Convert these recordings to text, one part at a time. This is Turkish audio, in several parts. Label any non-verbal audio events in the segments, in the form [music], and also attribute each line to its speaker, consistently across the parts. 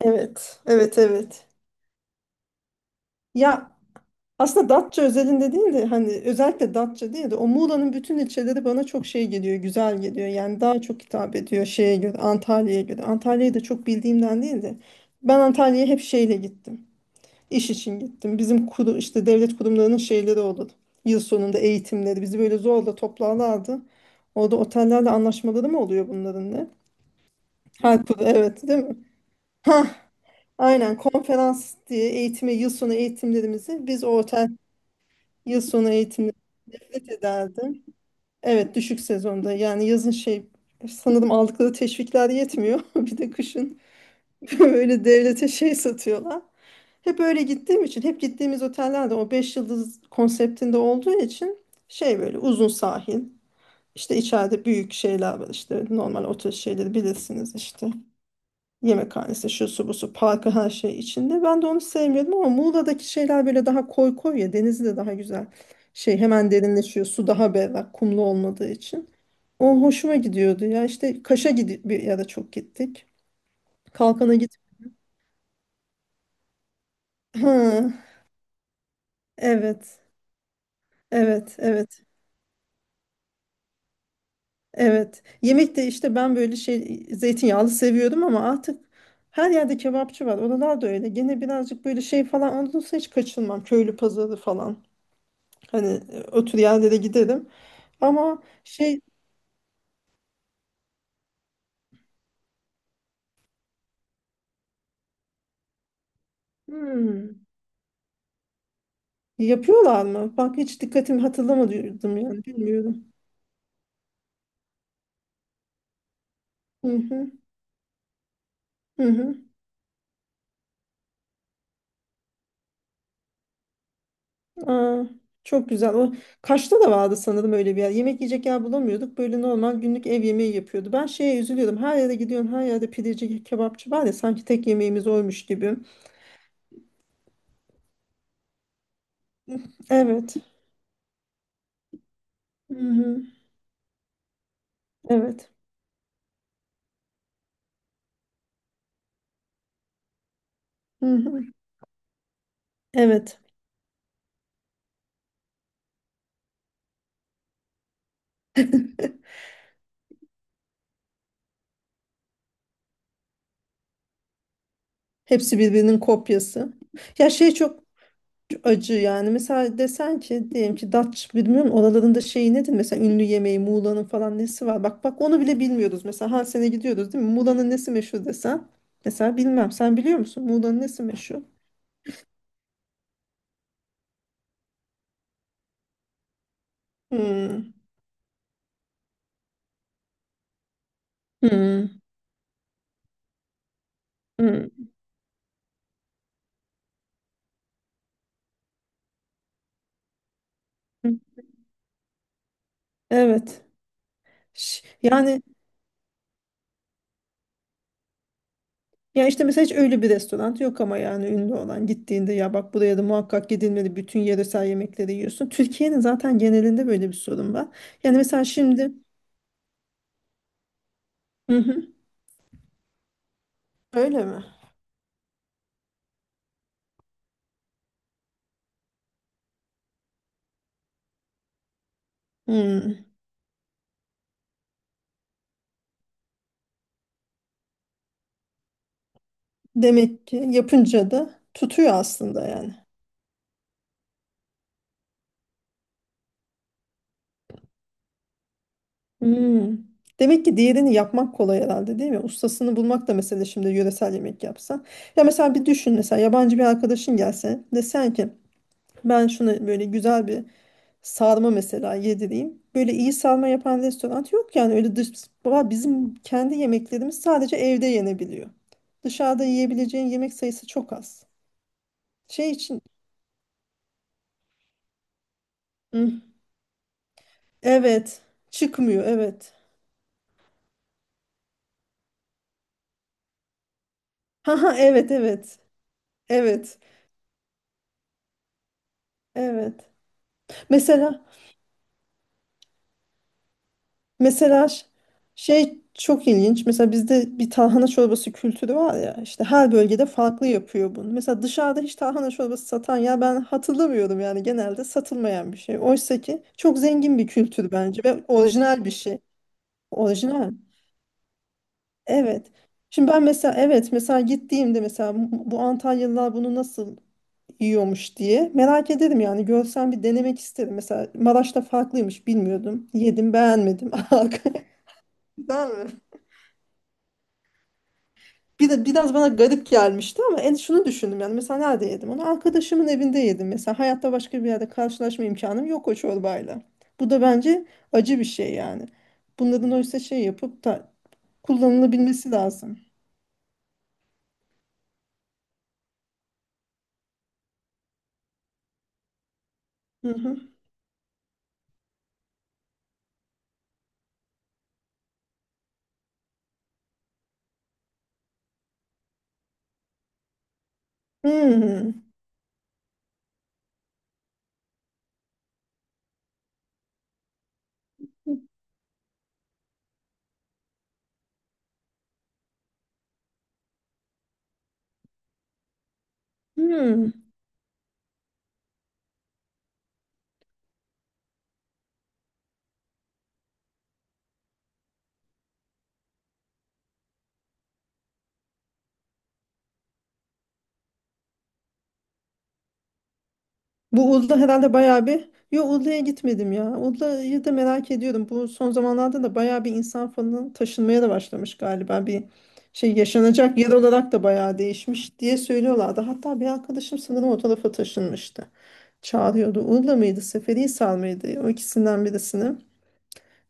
Speaker 1: Evet, evet, evet. Ya aslında Datça özelinde değil de hani özellikle Datça değil de o Muğla'nın bütün ilçeleri bana çok şey geliyor, güzel geliyor. Yani daha çok hitap ediyor şeye göre, Antalya'ya göre. Antalya'yı da çok bildiğimden değil de ben Antalya'ya hep şeyle gittim. İş için gittim. Bizim işte devlet kurumlarının şeyleri olur. Yıl sonunda eğitimleri bizi böyle zorla toplarlardı. Orada otellerle anlaşmaları mı oluyor bunların ne? Her kuru, evet değil mi? [laughs] Aynen, konferans diye eğitimi yıl sonu eğitimlerimizi biz orta yıl sonu eğitimleri nefret ederdim. Evet, düşük sezonda, yani yazın şey sanırım aldıkları teşvikler yetmiyor. [laughs] Bir de kışın [laughs] böyle devlete şey satıyorlar. Hep öyle gittiğim için, hep gittiğimiz otellerde o 5 yıldız konseptinde olduğu için şey böyle uzun sahil işte, içeride büyük şeyler var işte, normal otel şeyleri bilirsiniz işte. Yemekhanesi, şu su bu su, parkı her şey içinde. Ben de onu sevmiyordum ama Muğla'daki şeyler böyle daha koy koy ya. Denizi de daha güzel. Şey hemen derinleşiyor. Su daha berrak, kumlu olmadığı için. O hoşuma gidiyordu ya. İşte Kaş'a gidip bir yere çok gittik. Kalkan'a git. Ha, evet. Evet, evet, evet. Yemek de, işte, ben böyle şey zeytinyağlı seviyordum ama artık her yerde kebapçı var. Oralar da öyle. Gene birazcık böyle şey falan olursa hiç kaçınmam. Köylü pazarı falan. Hani otur yerlere giderim. Ama şey hmm, yapıyorlar mı? Bak hiç dikkatim hatırlamadım, yani bilmiyorum. Hı hı, hı hı. Aa, çok güzel. O Kaş'ta da vardı sanırım öyle bir yer. Yemek yiyecek yer bulamıyorduk. Böyle normal günlük ev yemeği yapıyordu. Ben şeye üzülüyordum. Her yere gidiyorum. Her yerde pideci, kebapçı var ya, sanki tek yemeğimiz oymuş gibi. Evet. Hı hı. Evet. Hı hı. Evet. Hepsi birbirinin kopyası. Ya şey, çok acı yani. Mesela desen ki, diyelim ki Datça, bilmiyorum oralarında şeyi nedir? Mesela ünlü yemeği Muğla'nın falan nesi var? Bak bak, onu bile bilmiyoruz. Mesela her sene gidiyoruz değil mi? Muğla'nın nesi meşhur desen. Mesela bilmem. Sen biliyor musun? Muğla'nın nesi meşhur? Hmm. Hmm. Hmm. Hmm. Evet. Yani ya işte, mesela hiç öyle bir restoran yok ama, yani ünlü olan, gittiğinde ya bak buraya da muhakkak gidilmeli, bütün yöresel yemekleri yiyorsun. Türkiye'nin zaten genelinde böyle bir sorun var. Yani mesela şimdi. Hı hı. Öyle mi? Hmm. Demek ki yapınca da tutuyor aslında yani. Hmm. Demek ki diğerini yapmak kolay herhalde değil mi? Ustasını bulmak da, mesela şimdi yöresel yemek yapsan. Ya mesela bir düşün, mesela yabancı bir arkadaşın gelse, desen ki ben şunu böyle güzel bir sarma mesela yedireyim. Böyle iyi sarma yapan restoran yok, yani öyle Baba bizim kendi yemeklerimiz sadece evde yenebiliyor. Dışarıda yiyebileceğin yemek sayısı çok az. Şey için. Hı, evet, çıkmıyor, evet. Ha ha, evet evet. Evet, evet. Mesela mesela şey çok ilginç. Mesela bizde bir tarhana çorbası kültürü var ya. İşte her bölgede farklı yapıyor bunu. Mesela dışarıda hiç tarhana çorbası satan, ya ben hatırlamıyorum yani, genelde satılmayan bir şey. Oysa ki çok zengin bir kültür bence ve orijinal bir şey. Orijinal. Evet. Şimdi ben mesela, evet mesela gittiğimde, mesela bu Antalyalılar bunu nasıl yiyormuş diye. Merak ederim yani, görsem bir denemek isterim. Mesela Maraş'ta farklıymış, bilmiyordum. Yedim, beğenmedim. [laughs] Güzel mi? Bir de biraz bana garip gelmişti ama en şunu düşündüm, yani mesela nerede yedim onu? Arkadaşımın evinde yedim mesela. Hayatta başka bir yerde karşılaşma imkanım yok o çorbayla. Bu da bence acı bir şey yani. Bunların oysa şey yapıp da kullanılabilmesi lazım. Hı hı. Hmm. Hmm. Bu Uludağ herhalde bayağı bir... Yo, Uludağ'a gitmedim ya. Uludağ'ı da merak ediyorum. Bu son zamanlarda da bayağı bir insan falan taşınmaya da başlamış galiba. Bir şey yaşanacak yer olarak da bayağı değişmiş diye söylüyorlardı. Hatta bir arkadaşım sanırım o tarafa taşınmıştı. Çağırıyordu. Uludağ mıydı, Seferihisar mıydı? O ikisinden birisini.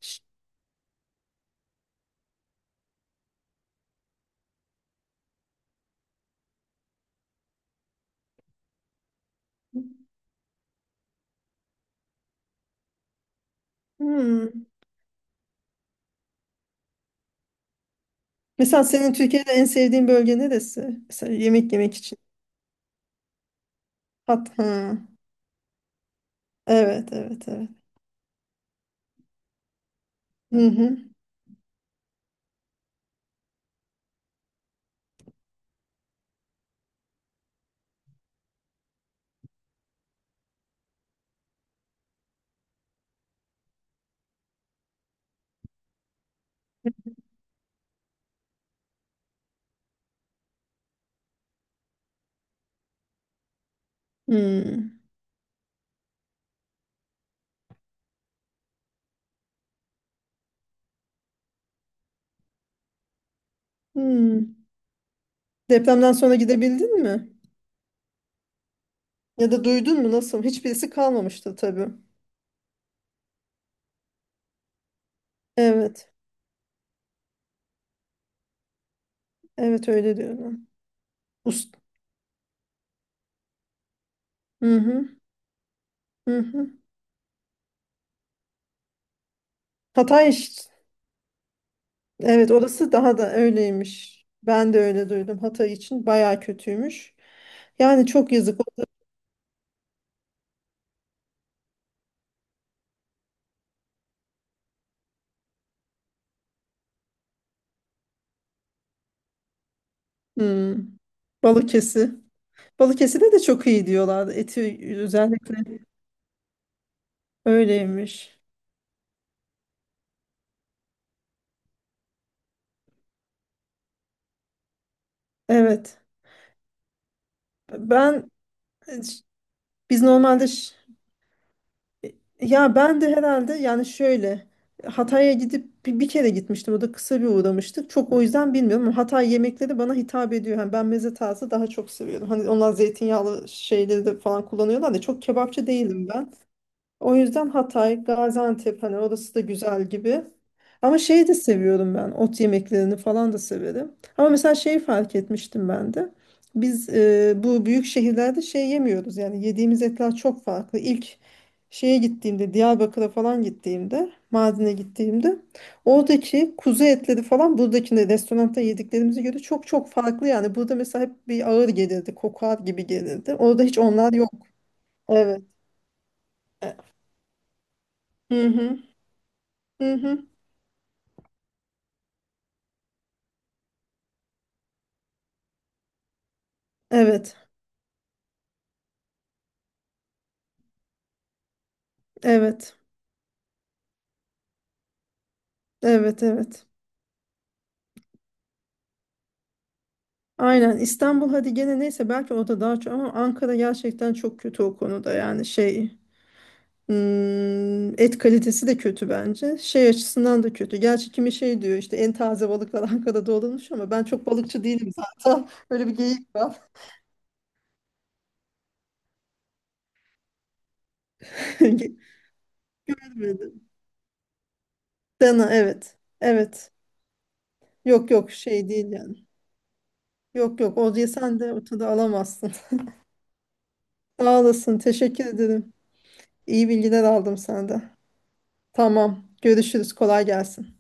Speaker 1: Ş- Hmm. Mesela senin Türkiye'de en sevdiğin bölge neresi? Mesela yemek yemek için. Hat, ha. Evet, evet, evet. Hı hı. Hmm. Hmm. Depremden sonra gidebildin mi? Ya da duydun mu nasıl? Hiçbirisi kalmamıştı tabii. Evet. Evet, öyle diyorlar. Ust. Hı hı. Hı hı. Hatay iş- Evet, orası daha da öyleymiş. Ben de öyle duydum. Hatay için bayağı kötüymüş. Yani çok yazık. Hmm. Balıkesir. Balıkesir'de de çok iyi diyorlardı. Eti özellikle öyleymiş. Evet. Ben biz normalde E, ya ben de herhalde yani şöyle Hatay'a gidip bir kere gitmiştim. O da kısa bir uğramıştık. Çok o yüzden bilmiyorum ama Hatay yemekleri bana hitap ediyor. Hani ben meze tarzı daha çok seviyorum. Hani onlar zeytinyağlı şeyleri de falan kullanıyorlar da, çok kebapçı değilim ben. O yüzden Hatay, Gaziantep, hani orası da güzel gibi. Ama şeyi de seviyorum ben. Ot yemeklerini falan da severim. Ama mesela şeyi fark etmiştim ben de. Biz bu büyük şehirlerde şey yemiyoruz. Yani yediğimiz etler çok farklı. İlk şeye gittiğimde, Diyarbakır'a falan gittiğimde, Mardin'e gittiğimde oradaki kuzu etleri falan buradakinde restoranda yediklerimize göre çok çok farklı. Yani burada mesela hep bir ağır gelirdi, kokar gibi gelirdi. Orada hiç onlar yok. Evet. Hı hı. Hı hı. Evet, evet, evet, evet. Aynen, İstanbul hadi gene neyse, belki orada daha çok ama Ankara gerçekten çok kötü o konuda, yani şey et kalitesi de kötü bence. Şey açısından da kötü. Gerçi kimi şey diyor işte, en taze balıklar [laughs] Ankara'da olunmuş, ama ben çok balıkçı değilim zaten. [laughs] Böyle bir geyik var. [laughs] Gelmedi. Dana, evet. Evet. Yok yok, şey değil yani. Yok yok, o diye sen de ortada alamazsın. [laughs] Sağ olasın. Teşekkür ederim. İyi bilgiler aldım senden. Tamam. Görüşürüz. Kolay gelsin.